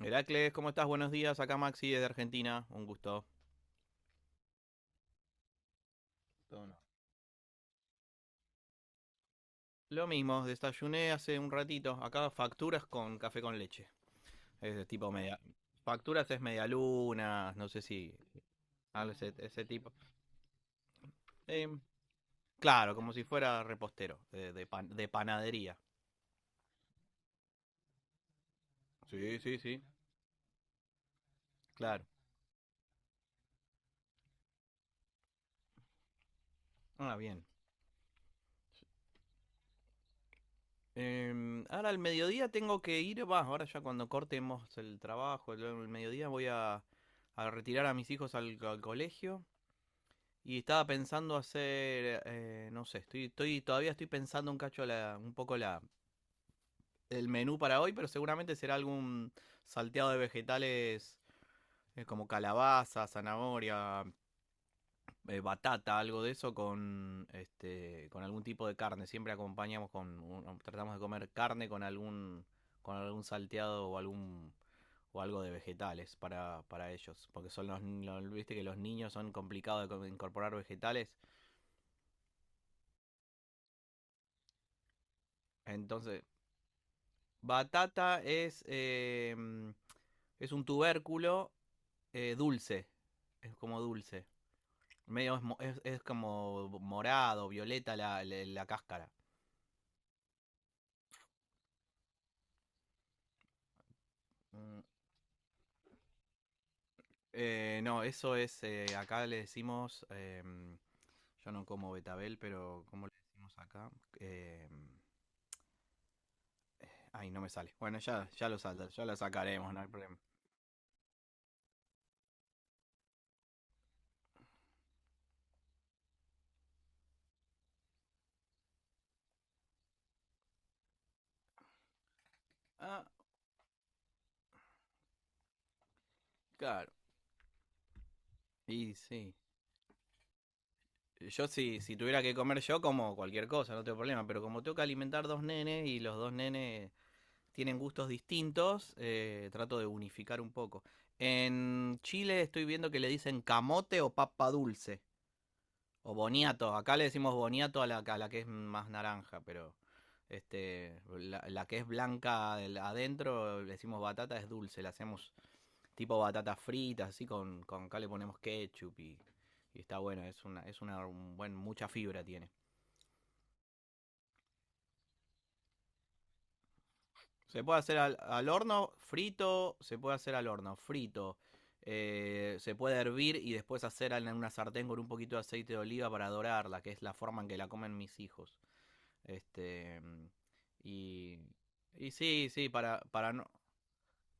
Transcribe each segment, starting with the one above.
Heracles, ¿cómo estás? Buenos días. Acá Maxi desde Argentina. Un gusto. Todo no. Lo mismo, desayuné hace un ratito. Acá facturas con café con leche. Es de tipo media. Facturas es medialunas, no sé si. Ah, ese tipo. Eh, claro, como si fuera repostero, de panadería. Sí, sí, sí. Claro. Ah, bien. Ahora al mediodía tengo que ir. Va, ahora ya cuando cortemos el trabajo, el mediodía voy a retirar a mis hijos al colegio. Y estaba pensando hacer, no sé, todavía estoy pensando un cacho la, un poco la, el menú para hoy, pero seguramente será algún salteado de vegetales, como calabaza, zanahoria, batata, algo de eso con, con algún tipo de carne. Siempre acompañamos con, tratamos de comer carne con algún, salteado o algún o algo de vegetales para ellos, porque son los, viste que los niños son complicados de incorporar vegetales. Entonces, Batata es un tubérculo, dulce. Es como dulce. Medio es, mo- es como morado, violeta la cáscara. Mm, no, eso es. Acá le decimos. Yo no como betabel, pero ¿cómo le decimos acá? Em, Ay, no me sale. Bueno, ya lo sacaremos, no hay problema. Ah, claro. Y sí. Yo si tuviera que comer yo como cualquier cosa, no tengo problema, pero como tengo que alimentar dos nenes y los dos nenes tienen gustos distintos, trato de unificar un poco. En Chile estoy viendo que le dicen camote o papa dulce o boniato. Acá le decimos boniato a la que es más naranja, pero la que es blanca adentro le decimos batata es dulce, le hacemos tipo batatas fritas, así con acá le ponemos ketchup y está bueno, es una un buen, mucha fibra tiene. Se puede hacer al horno frito, se puede hervir y después hacer en una sartén con un poquito de aceite de oliva para dorarla, que es la forma en que la comen mis hijos. Este, y, y sí, sí, para no.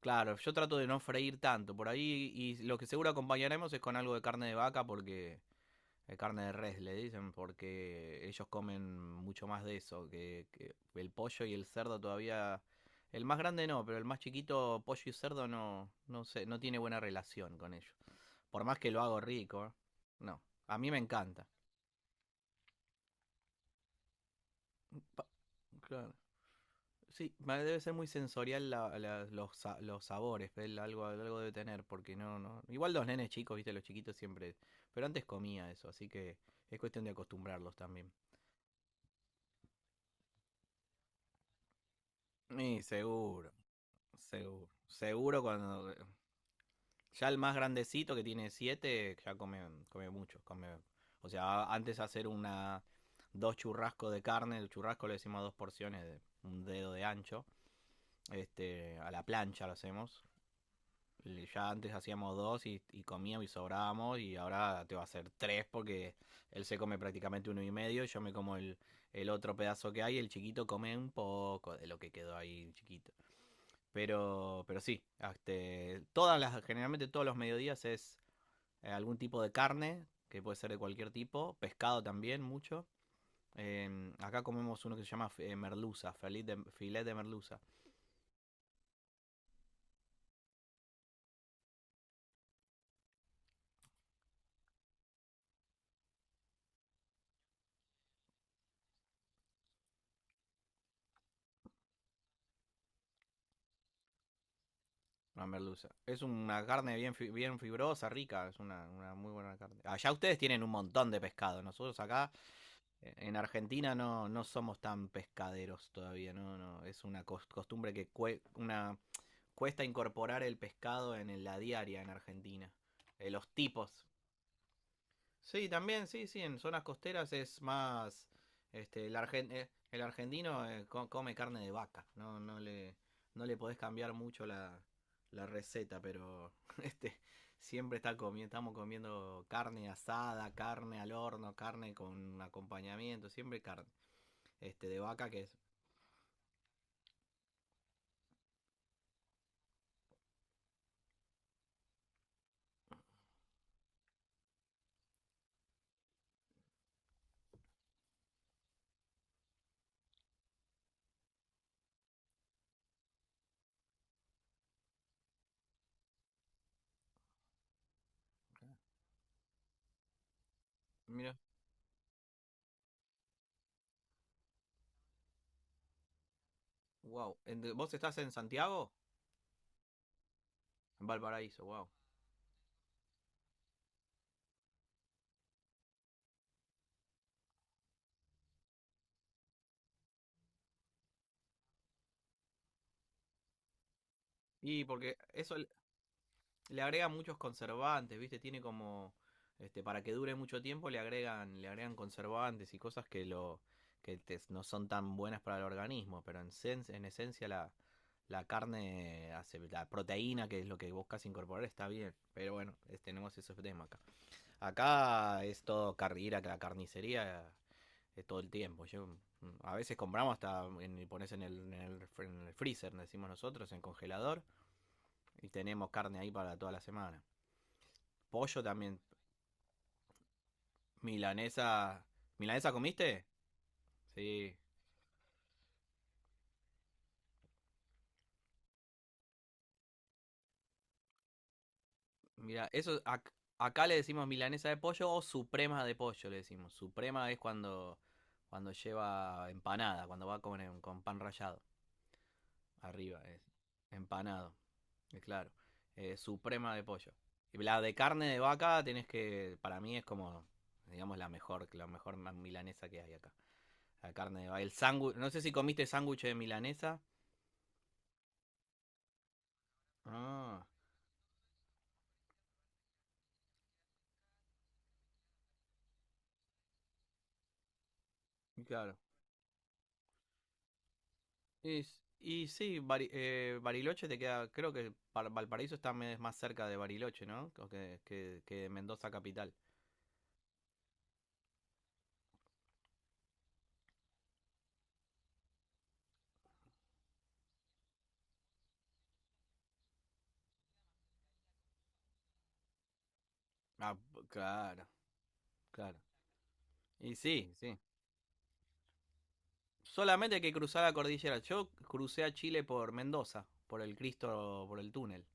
Claro, yo trato de no freír tanto por ahí y lo que seguro acompañaremos es con algo de carne de vaca porque carne de res le dicen porque ellos comen mucho más de eso, que el pollo y el cerdo todavía. El más grande no, pero el más chiquito, pollo y cerdo, no, no sé, no tiene buena relación con ellos. Por más que lo hago rico, ¿eh? No. A mí me encanta. Pa- claro. Sí, debe ser muy sensorial los sabores, pero él algo debe tener, porque no, no. Igual los nenes chicos, viste, los chiquitos siempre. Pero antes comía eso, así que es cuestión de acostumbrarlos también. Y seguro. Seguro. Seguro cuando. Ya el más grandecito que tiene siete, ya come mucho. Come, o sea, antes hacer una dos churrascos de carne, el churrasco le decimos dos porciones de un dedo de ancho. A la plancha lo hacemos. Y ya antes hacíamos dos y comíamos y sobrábamos y ahora te va a hacer tres porque él se come prácticamente uno y medio, yo me como el otro pedazo que hay, y el chiquito come un poco de lo que quedó ahí chiquito. Pero sí, generalmente todos los mediodías es, algún tipo de carne, que puede ser de cualquier tipo, pescado también mucho. Acá comemos uno que se llama, merluza, filet de merluza. Una merluza. Es una carne bien, bien fibrosa, rica, es una muy buena carne. Allá ustedes tienen un montón de pescado, nosotros acá, en Argentina no, no somos tan pescaderos todavía, no, no, es una costumbre que una cuesta incorporar el pescado en la diaria en Argentina. Los tipos. Sí, también, sí, sí, en zonas costeras es más. El argentino, come carne de vaca, no, no le podés cambiar mucho la receta, pero este, siempre está estamos comiendo carne asada, carne al horno, carne con acompañamiento, siempre carne, de vaca que es. Mira, wow. ¿Vos estás en Santiago? En Valparaíso, wow. Y porque eso, le agregan muchos conservantes, ¿viste? Tiene como. Para que dure mucho tiempo le agregan conservantes y cosas que lo. No son tan buenas para el organismo. Pero en esencia la carne la proteína, que es lo que buscas incorporar, está bien. Pero bueno, tenemos esos temas acá. Acá es todo ir a la carnicería es todo el tiempo. Yo, a veces compramos hasta y pones en el freezer, decimos nosotros, en congelador, y tenemos carne ahí para toda la semana, pollo también. Milanesa. ¿Milanesa comiste? Sí. Mira, eso acá le decimos milanesa de pollo o suprema de pollo le decimos. Suprema es cuando lleva empanada, cuando va con, con pan rallado arriba, es empanado, es claro. Suprema de pollo. Y la de carne de vaca tenés que para mí es como, digamos, la mejor milanesa que hay acá. La carne de vaca, el sándwich, no sé si comiste sándwich de milanesa. Ah, claro. Y sí, Bariloche te queda, creo que Valparaíso está más cerca de Bariloche, ¿no? O que Mendoza capital. Ah, claro, claro. Y sí, sí. Solamente hay que cruzar la cordillera. Yo crucé a Chile por Mendoza, por el Cristo, por el túnel.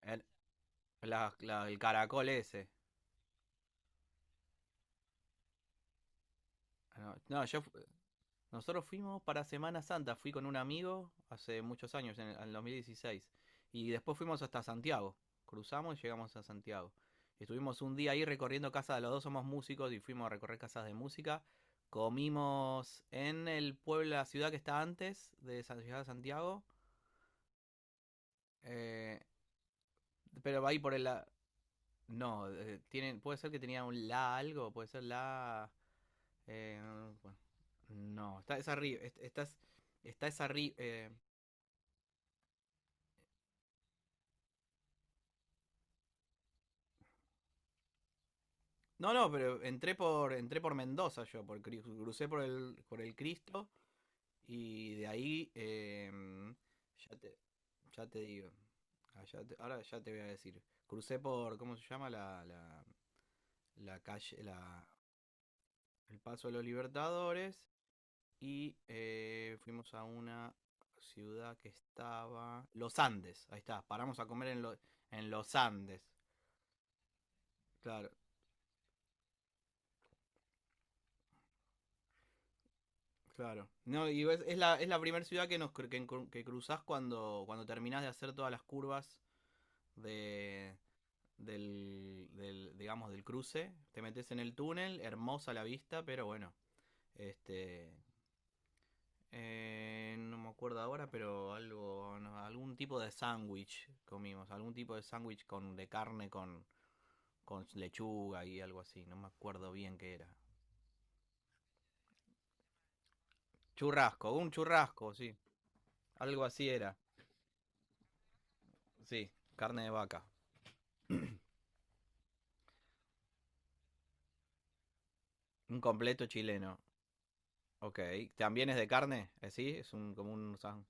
El, el caracol ese. Ah, no, no, yo. Nosotros fuimos para Semana Santa, fui con un amigo hace muchos años, en el 2016, y después fuimos hasta Santiago, cruzamos y llegamos a Santiago. Estuvimos un día ahí recorriendo casas, los dos somos músicos y fuimos a recorrer casas de música. Comimos en el pueblo, la ciudad que está antes de San de Santiago, eh, pero ahí por el. No, puede ser que tenía un la algo, puede ser la. eh, bueno, no, está esa ri- est- estás- está esa ri- no, no, pero entré por Mendoza yo, crucé por el Cristo y de ahí, ya te, ya te digo. Ah, ahora ya te voy a decir. Crucé por, ¿cómo se llama? La calle, la, el Paso de los Libertadores y, fuimos a una ciudad que estaba. Los Andes, ahí está, paramos a comer en, en Los Andes. Claro, claro. No, y es la primera ciudad que nos cru- que, encru- que cruzás cuando, terminás de hacer todas las curvas de, digamos del cruce. Te metes en el túnel, hermosa la vista, pero bueno. Este no me acuerdo ahora, pero algo no, algún tipo de sándwich comimos, algún tipo de sándwich con de carne con lechuga y algo así, no me acuerdo bien qué era. Churrasco, un churrasco, sí. Algo así era. Sí, carne de vaca. Un completo chileno. Ok. ¿También es de carne? ¿Sí? Es un como un.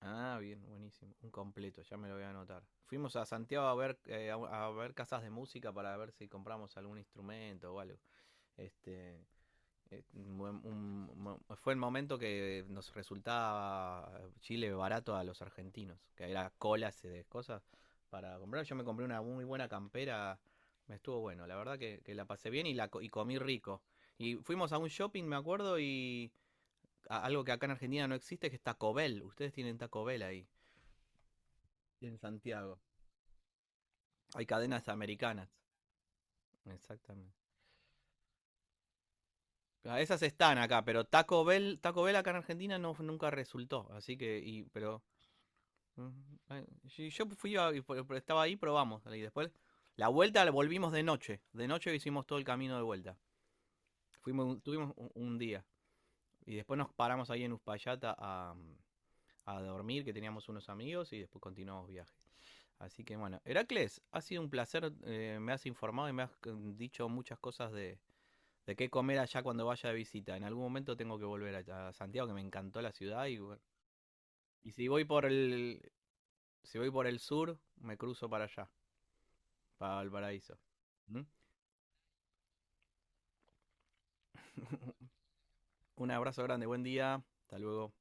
Ah, bien, buenísimo. Un completo, ya me lo voy a anotar. Fuimos a Santiago a ver, a ver casas de música para ver si compramos algún instrumento o algo. Este, Eh, un Fue el momento que nos resultaba, Chile barato a los argentinos, que era colas y de cosas para comprar. Yo me compré una muy buena campera, me estuvo bueno, la verdad que, la pasé bien y, y comí rico. Y fuimos a un shopping, me acuerdo, y algo que acá en Argentina no existe, que es Taco Bell. Ustedes tienen Taco Bell ahí, en Santiago. Hay cadenas americanas, exactamente. Ah, esas están acá, pero Taco Bell acá en Argentina no, nunca resultó, así que. Ujú. Sí, yo fui estaba ahí, probamos. Y después, la vuelta la volvimos de noche. De noche hicimos todo el camino de vuelta. Tuvimos un día. Y después nos paramos ahí en Uspallata a dormir, que teníamos unos amigos, y después continuamos viaje. Así que bueno, Heracles, ha sido un placer. Me has informado y me has, dicho muchas cosas de, qué comer allá cuando vaya de visita. En algún momento tengo que volver a Santiago, que me encantó la ciudad. Y bueno, y si voy por el, si voy por el, sur, me cruzo para allá, para Valparaíso. ¿Mm? Un abrazo grande, buen día, hasta luego.